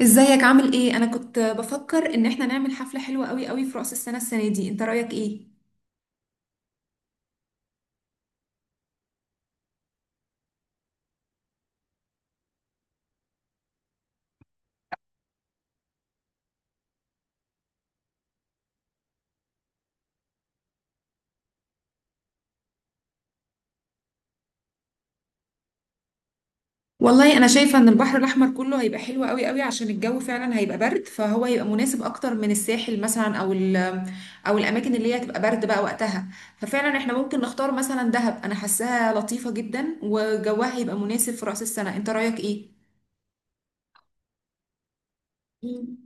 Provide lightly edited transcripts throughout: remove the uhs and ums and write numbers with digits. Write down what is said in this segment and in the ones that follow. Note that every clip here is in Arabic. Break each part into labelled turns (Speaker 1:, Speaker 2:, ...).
Speaker 1: ازيك، عامل ايه؟ انا كنت بفكر ان احنا نعمل حفلة حلوة قوي قوي في رأس السنة، السنة دي. انت رأيك ايه؟ والله انا شايفة ان البحر الاحمر كله هيبقى حلو قوي قوي، عشان الجو فعلا هيبقى برد، فهو هيبقى مناسب اكتر من الساحل مثلا، او الاماكن اللي هي هتبقى برد بقى وقتها. ففعلا احنا ممكن نختار مثلا دهب. انا حاساها لطيفة جدا وجوها هيبقى مناسب في رأس السنة. انت رأيك ايه؟ مم.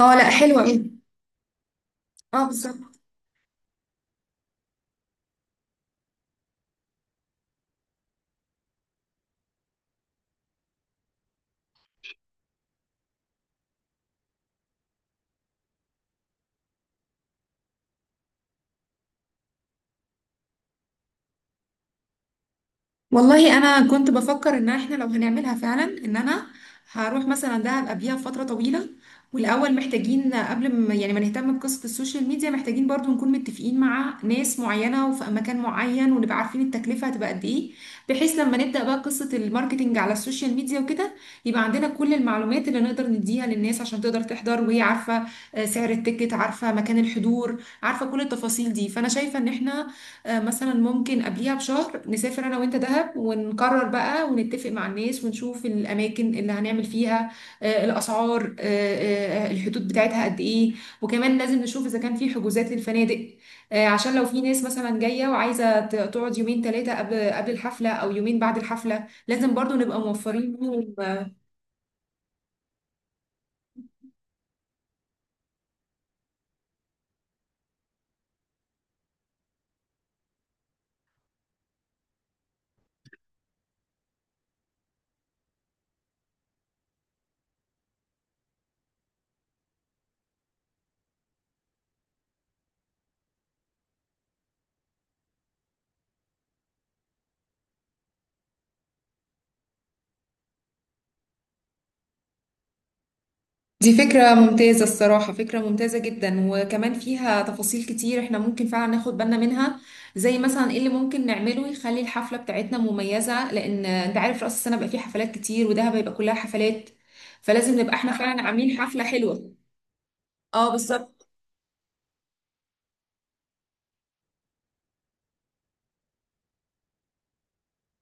Speaker 1: اه، لا، حلوة قوي. اه، بالظبط. والله انا كنت بفكر ان احنا لو هنعملها فعلا، ان انا هروح مثلا دهب قبليها فتره طويله. والاول محتاجين قبل ما، يعني، ما نهتم بقصه السوشيال ميديا، محتاجين برضو نكون متفقين مع ناس معينه وفي مكان معين، ونبقى عارفين التكلفه هتبقى قد ايه. بحيث لما نبدا بقى قصه الماركتينج على السوشيال ميديا وكده، يبقى عندنا كل المعلومات اللي نقدر نديها للناس عشان تقدر تحضر وهي عارفه. سعر التيكت، عارفه مكان الحضور، عارفه كل التفاصيل دي. فانا شايفه ان احنا مثلا ممكن قبليها بشهر نسافر انا وانت دهب، ونقرر بقى ونتفق مع الناس ونشوف الاماكن اللي هنعمل فيها، الاسعار، الحدود بتاعتها قد ايه. وكمان لازم نشوف اذا كان في حجوزات للفنادق، عشان لو في ناس مثلا جايه وعايزه تقعد يومين ثلاثه قبل الحفله او يومين بعد الحفله، لازم برضو نبقى موفرين لهم. دي فكرة ممتازة الصراحة، فكرة ممتازة جدا، وكمان فيها تفاصيل كتير احنا ممكن فعلا ناخد بالنا منها، زي مثلا ايه اللي ممكن نعمله يخلي الحفلة بتاعتنا مميزة. لأن انت عارف رأس السنة بقى فيه حفلات كتير، ودهب هيبقى كلها حفلات. فلازم نبقى احنا فعلا عاملين حفلة حلوة. اه، بالظبط.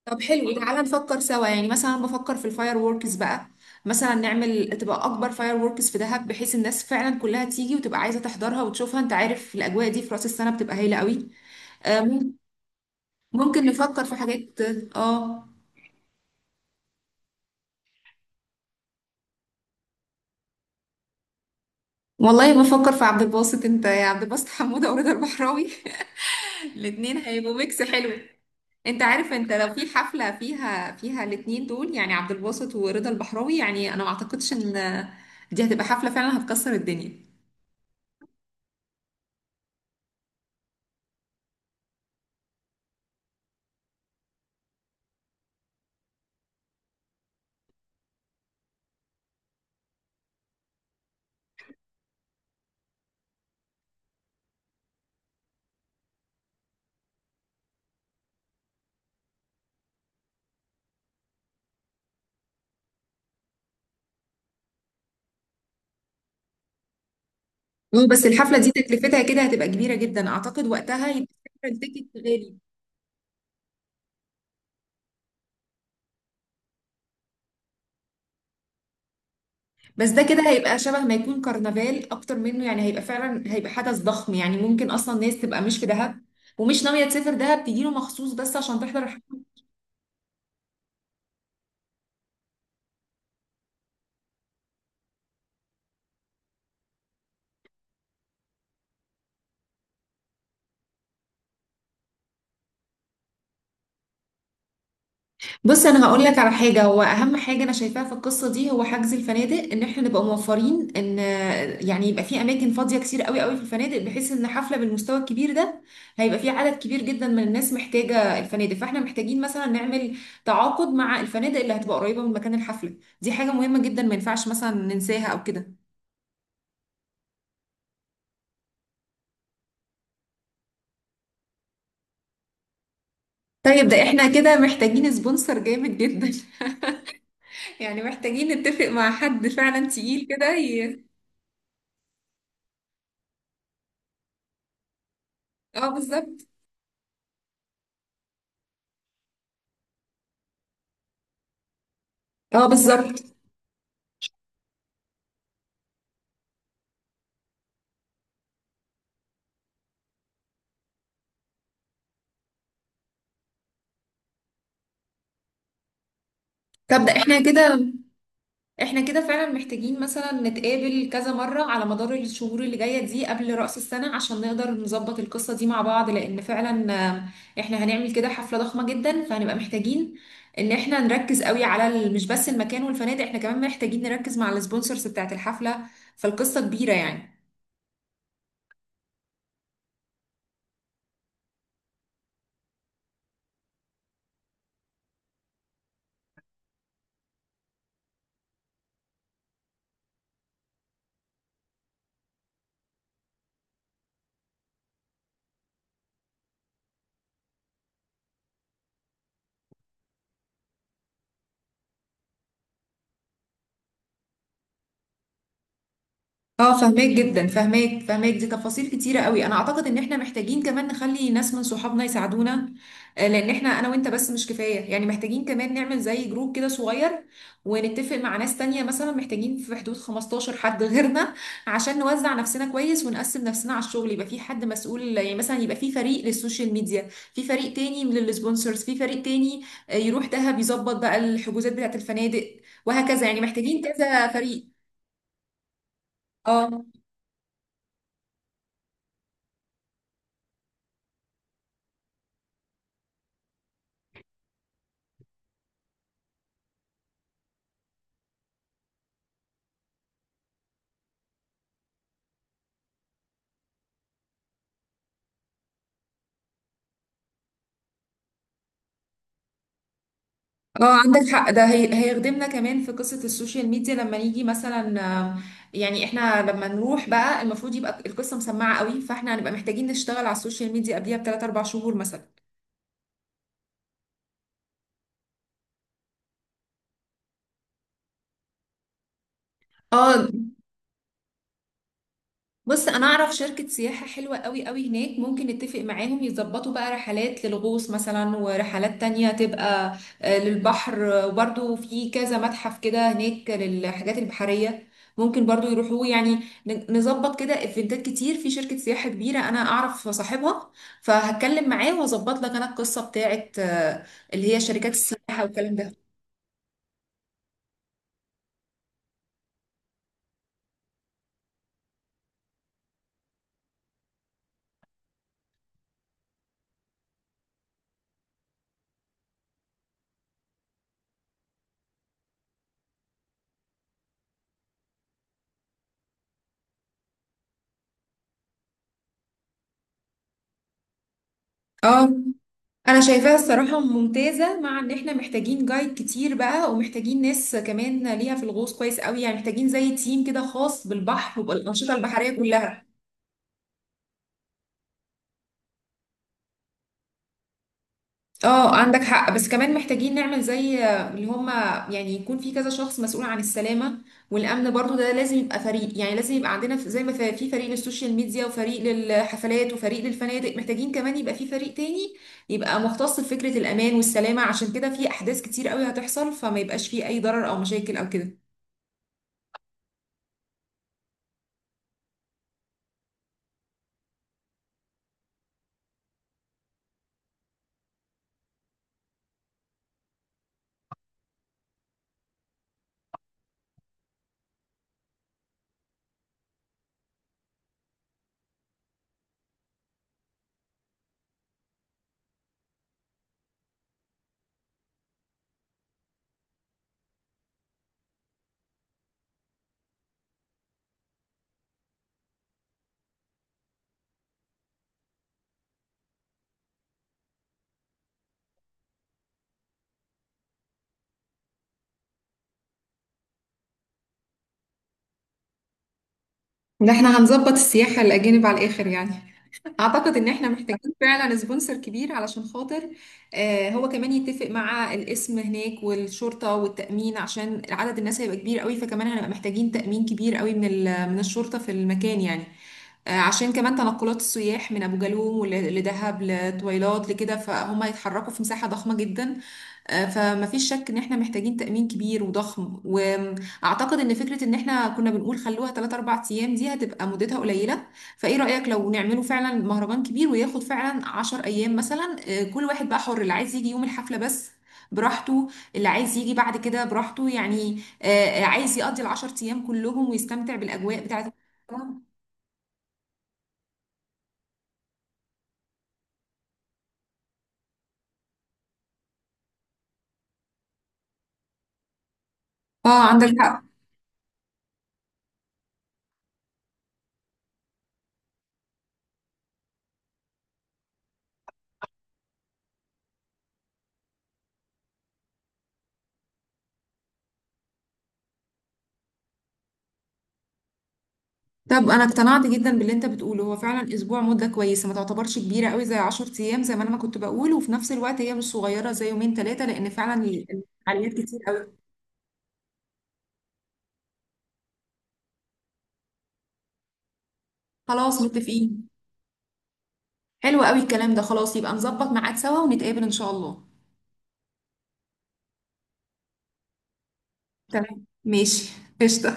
Speaker 1: طب حلو، تعالى نفكر سوا، يعني مثلا بفكر في الفاير ووركس بقى. مثلا نعمل تبقى أكبر فاير ووركس في دهب، بحيث الناس فعلا كلها تيجي وتبقى عايزة تحضرها وتشوفها. انت عارف الأجواء دي في رأس السنة بتبقى هايلة قوي. آه، ممكن نفكر في حاجات. اه. والله بفكر في عبد الباسط، انت يا عبد الباسط حمودة ورضا البحراوي. الاتنين هيبقوا ميكس حلو. انت عارف، انت لو في حفلة فيها الاتنين دول، يعني عبد الباسط ورضا البحراوي، يعني انا ما اعتقدش ان دي هتبقى حفلة فعلا هتكسر الدنيا. بس الحفلة دي تكلفتها كده هتبقى كبيرة جدا، اعتقد وقتها يبقى التيكت غالي. بس ده كده هيبقى شبه ما يكون كرنفال اكتر منه، يعني هيبقى فعلا، هيبقى حدث ضخم. يعني ممكن اصلا ناس تبقى مش في دهب ومش ناويه تسافر دهب، تجيله مخصوص بس عشان تحضر الحفلة. بص انا هقول لك على حاجه، هو اهم حاجه انا شايفاها في القصه دي هو حجز الفنادق. ان احنا نبقى موفرين، ان، يعني، يبقى في اماكن فاضيه كتير قوي قوي في الفنادق، بحيث ان حفله بالمستوى الكبير ده هيبقى في عدد كبير جدا من الناس محتاجه الفنادق. فاحنا محتاجين مثلا نعمل تعاقد مع الفنادق اللي هتبقى قريبه من مكان الحفله. دي حاجه مهمه جدا، ما ينفعش مثلا ننساها او كده. طيب، ده احنا كده محتاجين سبونسر جامد جدا. يعني محتاجين نتفق مع حد فعلا تقيل كده ي... اه، بالظبط. اه، بالظبط. طب ده احنا كده فعلا محتاجين مثلا نتقابل كذا مرة على مدار الشهور اللي جاية دي قبل رأس السنة، عشان نقدر نظبط القصة دي مع بعض. لأن فعلا، احنا هنعمل كده حفلة ضخمة جدا، فهنبقى محتاجين ان احنا نركز قوي على مش بس المكان والفنادق، احنا كمان محتاجين نركز مع السبونسرز بتاعت الحفلة. فالقصة كبيرة يعني. اه، فهماك جدا، فهماك. دي تفاصيل كتيرة قوي. انا اعتقد ان احنا محتاجين كمان نخلي ناس من صحابنا يساعدونا، لان احنا انا وانت بس مش كفاية. يعني محتاجين كمان نعمل زي جروب كده صغير، ونتفق مع ناس تانية مثلا. محتاجين في حدود 15 حد غيرنا، عشان نوزع نفسنا كويس ونقسم نفسنا على الشغل. يبقى في حد مسؤول، يعني مثلا يبقى في فريق للسوشيال ميديا، في فريق تاني للسبونسرز، في فريق تاني يروح دهب يظبط بقى الحجوزات بتاعت الفنادق، وهكذا. يعني محتاجين كذا فريق. اه. اه، عندك حق. ده هيخدمنا كمان في قصة السوشيال ميديا، لما نيجي مثلا، يعني احنا لما نروح بقى، المفروض يبقى القصة مسمعة قوي. فاحنا هنبقى محتاجين نشتغل على السوشيال ميديا قبليها بثلاث اربع شهور مثلا. اه. بص، انا اعرف شركة سياحة حلوة قوي قوي هناك، ممكن نتفق معاهم يظبطوا بقى رحلات للغوص مثلا، ورحلات تانية تبقى للبحر. وبرضو في كذا متحف كده هناك للحاجات البحرية، ممكن برضو يروحوا يعني. نظبط كده ايفنتات كتير في شركة سياحة كبيرة انا اعرف صاحبها، فهتكلم معاه واظبط لك انا القصة بتاعت اللي هي شركات السياحة والكلام ده. اه. انا شايفاها الصراحة ممتازة، مع ان احنا محتاجين جايد كتير بقى، ومحتاجين ناس كمان ليها في الغوص كويس قوي. يعني محتاجين زي تيم كده خاص بالبحر وبالأنشطة البحرية كلها. اه، عندك حق، بس كمان محتاجين نعمل زي اللي هما، يعني يكون في كذا شخص مسؤول عن السلامة والأمن. برضو ده لازم يبقى فريق. يعني لازم يبقى عندنا زي ما في، في فريق للسوشيال ميديا وفريق للحفلات وفريق للفنادق، محتاجين كمان يبقى في فريق تاني يبقى مختص بفكرة الأمان والسلامة، عشان كده في أحداث كتير قوي هتحصل، فما يبقاش فيه أي ضرر أو مشاكل أو كده. ده احنا هنظبط السياحة الأجانب على الآخر يعني. اعتقد ان احنا محتاجين فعلا سبونسر كبير، علشان خاطر هو كمان يتفق مع الاسم هناك والشرطة والتأمين، عشان عدد الناس هيبقى كبير قوي. فكمان هنبقى محتاجين تأمين كبير قوي من من الشرطة في المكان يعني. عشان كمان تنقلات السياح من ابو جالوم لدهب لطويلات لكده، فهم هيتحركوا في مساحة ضخمة جدا. فمفيش شك ان احنا محتاجين تأمين كبير وضخم. واعتقد ان فكرة ان احنا كنا بنقول خلوها 3 4 ايام دي هتبقى مدتها قليلة. فايه رأيك لو نعمله فعلا مهرجان كبير وياخد فعلا 10 ايام مثلا. كل واحد بقى حر، اللي عايز يجي يوم الحفلة بس براحته، اللي عايز يجي بعد كده براحته. يعني عايز يقضي العشر ايام كلهم ويستمتع بالاجواء بتاعت... اه، عندك حق. طب انا اقتنعت جدا باللي انت بتقوله. هو فعلا اسبوع مده كويسه، ما تعتبرش كبيره قوي زي 10 ايام زي ما انا ما كنت بقول، وفي نفس الوقت هي مش صغيره زي يومين ثلاثه، لان فعلا الفعاليات كتير قوي. خلاص متفقين. حلو قوي الكلام ده، خلاص يبقى نظبط ميعاد سوا ونتقابل ان شاء الله. تمام، ماشي. قشطه.